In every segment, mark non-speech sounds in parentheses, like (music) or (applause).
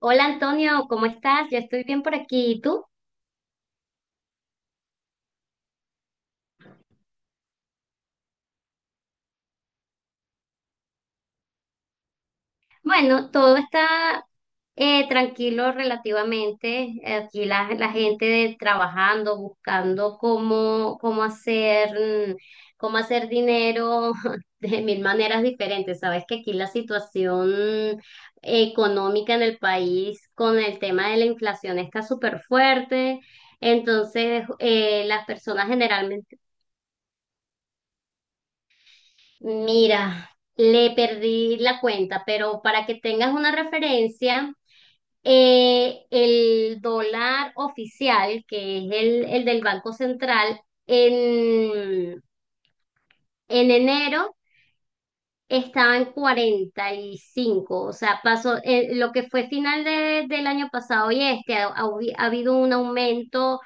Hola Antonio, ¿cómo estás? Yo estoy bien por aquí. ¿Y tú? Bueno, todo está tranquilo relativamente. Aquí la trabajando, buscando cómo hacer, cómo hacer dinero (laughs) de mil maneras diferentes. Sabes que aquí la situación económica en el país con el tema de la inflación está súper fuerte. Entonces, las personas generalmente. Mira, le perdí la cuenta, pero para que tengas una referencia, el dólar oficial, que es el del Banco Central, en, en enero estaba en 45, o sea, pasó lo que fue del año pasado y este, ha habido un aumento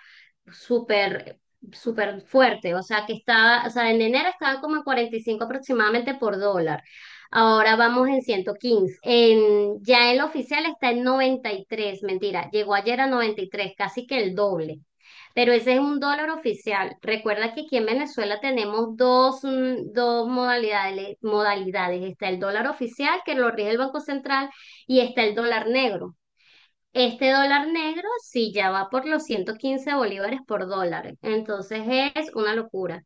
súper, súper fuerte. O sea, que estaba, o sea, en enero estaba como en 45 aproximadamente por dólar. Ahora vamos en 115. En, ya el oficial está en 93, mentira, llegó ayer a 93, casi que el doble. Pero ese es un dólar oficial. Recuerda que aquí en Venezuela tenemos dos, dos modalidades. Está el dólar oficial, que lo rige el Banco Central, y está el dólar negro. Este dólar negro sí ya va por los 115 bolívares por dólar, entonces es una locura.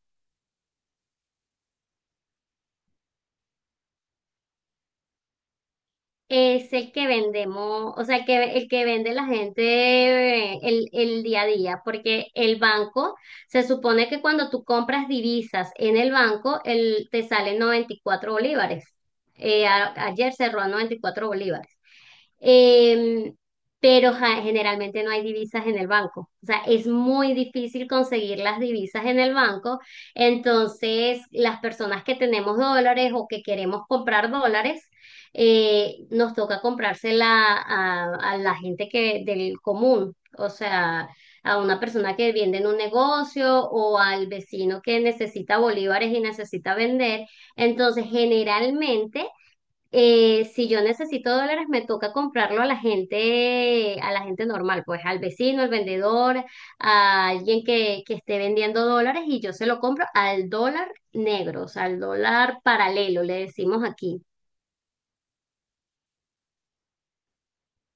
Es el que vendemos, o sea, el que vende la gente el día a día, porque el banco, se supone que cuando tú compras divisas en el banco, te salen 94 bolívares. Ayer cerró a 94 bolívares. Eh, pero ja, generalmente no hay divisas en el banco. O sea, es muy difícil conseguir las divisas en el banco. Entonces, las personas que tenemos dólares o que queremos comprar dólares, nos toca comprársela a, a la gente que, del común. O sea, a una persona que vende en un negocio o al vecino que necesita bolívares y necesita vender. Entonces, generalmente si yo necesito dólares, me toca comprarlo a la gente normal, pues al vecino, al vendedor, a alguien que esté vendiendo dólares y yo se lo compro al dólar negro, o sea, al dólar paralelo, le decimos aquí.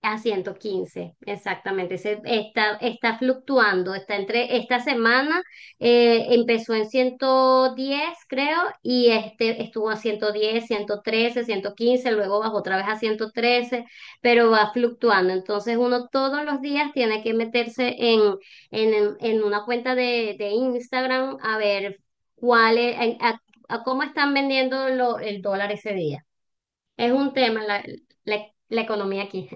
A 115 exactamente. Está, está fluctuando, está entre esta semana empezó en 110 creo, y este estuvo a ciento ciento diez ciento trece ciento quince luego bajó otra vez a 113 pero va fluctuando. Entonces uno todos los días tiene que meterse en una cuenta de Instagram a ver cuál es- a, a cómo están vendiendo el dólar ese día. Es un tema la la economía aquí.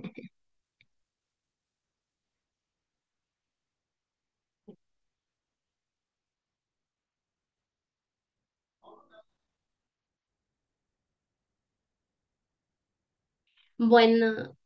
Bueno,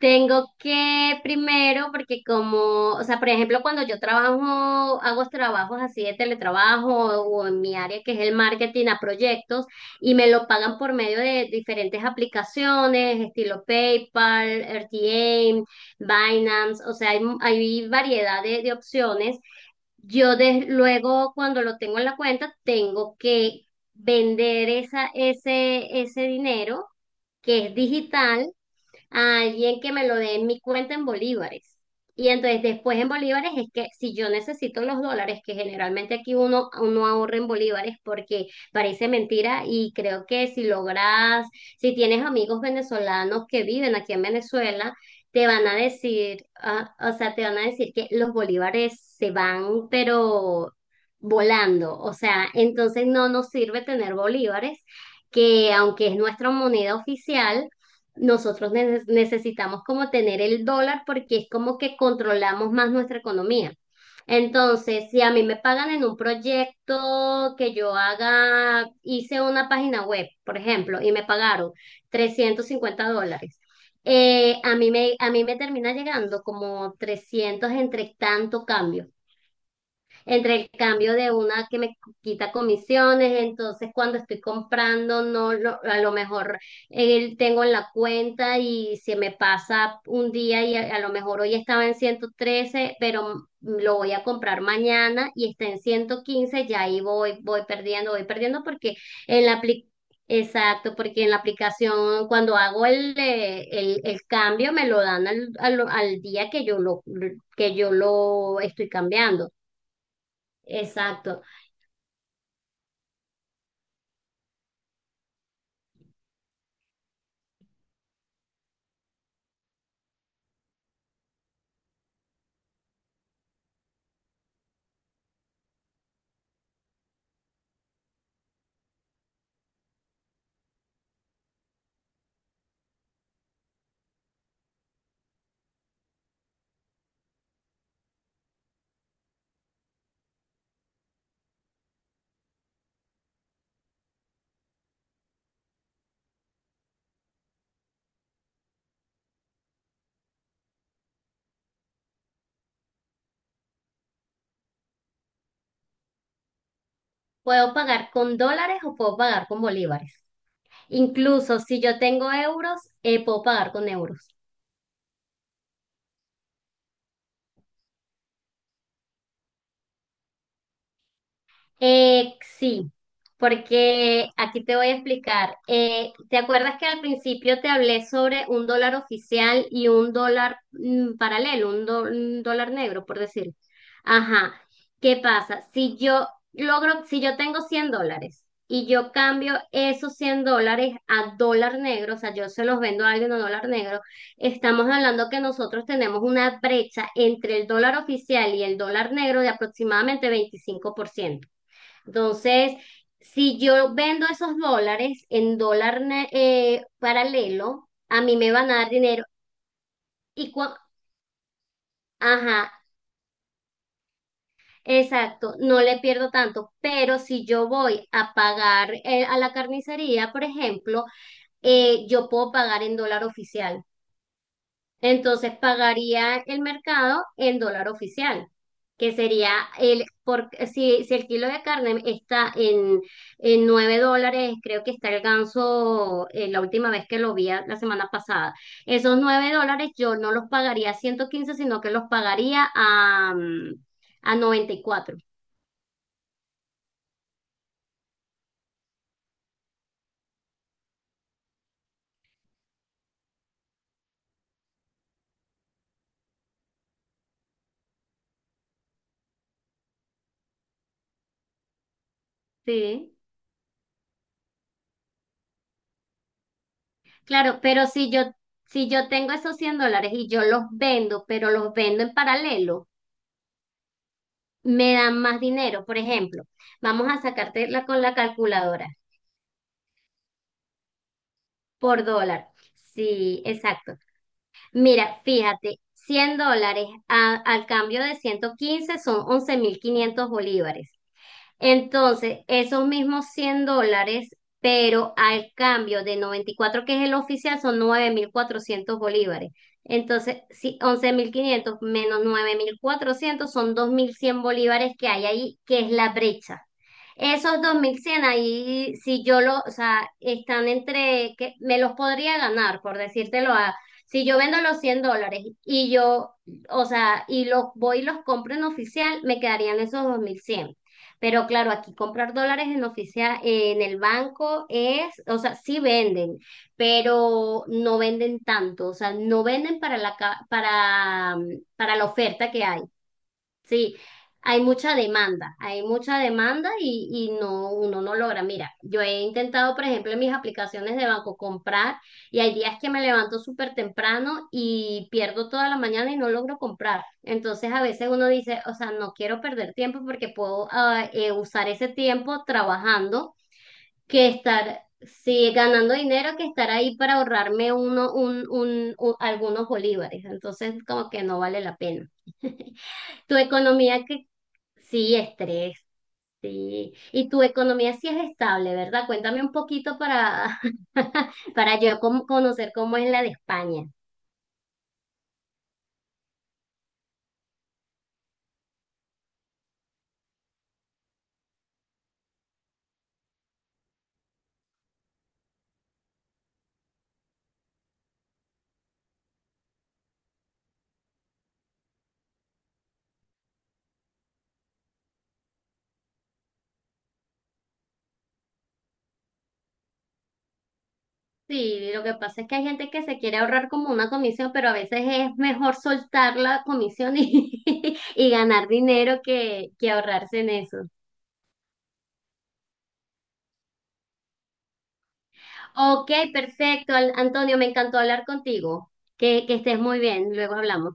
tengo que primero, porque como, o sea, por ejemplo, cuando yo trabajo, hago trabajos así de teletrabajo o en mi área que es el marketing a proyectos y me lo pagan por medio de diferentes aplicaciones, estilo PayPal, RTA, Binance, o sea, hay variedad de opciones. Luego, cuando lo tengo en la cuenta, tengo que vender ese dinero que es digital a alguien que me lo dé en mi cuenta en bolívares. Y entonces después en bolívares es que si yo necesito los dólares, que generalmente aquí uno ahorra en bolívares porque parece mentira y creo que si logras, si tienes amigos venezolanos que viven aquí en Venezuela, te van a decir, ah, o sea, te van a decir que los bolívares se van, pero volando. O sea, entonces no nos sirve tener bolívares, que aunque es nuestra moneda oficial, nosotros necesitamos como tener el dólar porque es como que controlamos más nuestra economía. Entonces, si a mí me pagan en un proyecto que yo haga, hice una página web, por ejemplo, y me pagaron $350, a mí me termina llegando como 300 entre tanto cambio entre el cambio de una que me quita comisiones, entonces cuando estoy comprando, no lo- a lo mejor tengo en la cuenta y se me pasa un día y a lo mejor hoy estaba en 113 pero lo voy a comprar mañana y está en 115 ya ahí voy, voy perdiendo porque en la apli- exacto, porque en la aplicación cuando hago el cambio me lo dan al día que que yo lo estoy cambiando. Exacto. Puedo pagar con dólares o puedo pagar con bolívares. Incluso si yo tengo euros, puedo pagar con euros. Sí, porque aquí te voy a explicar. ¿Te acuerdas que al principio te hablé sobre un dólar oficial y un dólar paralelo, un dólar negro, por decir? Ajá. ¿Qué pasa? Si yo logro, si yo tengo $100 y yo cambio esos $100 a dólar negro, o sea, yo se los vendo a alguien a dólar negro, estamos hablando que nosotros tenemos una brecha entre el dólar oficial y el dólar negro de aproximadamente 25%. Entonces, si yo vendo esos dólares en paralelo, a mí me van a dar dinero y cua- ajá, exacto, no le pierdo tanto, pero si yo voy a pagar a la carnicería, por ejemplo, yo puedo pagar en dólar oficial. Entonces pagaría el mercado en dólar oficial, que sería el, por, si, si el kilo de carne está en $9, creo que está el ganso la última vez que lo la semana pasada. Esos $9 yo no los pagaría a 115 sino que los pagaría a, a noventa y cuatro. Sí, claro, si yo tengo esos $100 y yo los vendo, pero los vendo en paralelo. Me dan más dinero. Por ejemplo, vamos a sacarte la con la calculadora por dólar. Sí, exacto. Mira, fíjate, $100 al cambio de 115 son 11.500 bolívares. Entonces, esos mismos $100, pero al cambio de 94 que es el oficial, son 9.400 bolívares. Entonces, si 11.500 menos 9.400 son 2.100 bolívares que hay ahí, que es la brecha. Esos 2.100 ahí, si yo lo, o sea, están entre, que me los podría ganar, por decírtelo a, si yo vendo los $100 y yo, o sea, y los voy y los compro en oficial, me quedarían esos 2.100. Pero claro, aquí comprar dólares en oficial, en el banco es, o sea, sí venden, pero no venden tanto, o sea, no venden para para la oferta que hay. Sí, hay mucha demanda y no, uno no logra. Mira, yo he intentado, por ejemplo, en mis aplicaciones de banco comprar y hay días que me levanto súper temprano y pierdo toda la mañana y no logro comprar. Entonces a veces uno dice, o sea, no quiero perder tiempo porque puedo usar ese tiempo trabajando que estar, sí, ganando dinero que estar ahí para ahorrarme uno, un- algunos bolívares. Entonces como que no vale la pena. (laughs) ¿Tu economía, qué, sí, estrés, sí. Y tu economía sí es estable, ¿verdad? Cuéntame un poquito para, (laughs) para yo conocer cómo es la de España. Sí, lo que pasa es que hay gente que se quiere ahorrar como una comisión, pero a veces es mejor soltar la comisión y, (laughs) y ganar dinero que ahorrarse en eso. Ok, perfecto, Antonio, me encantó hablar contigo. Que estés muy bien, luego hablamos.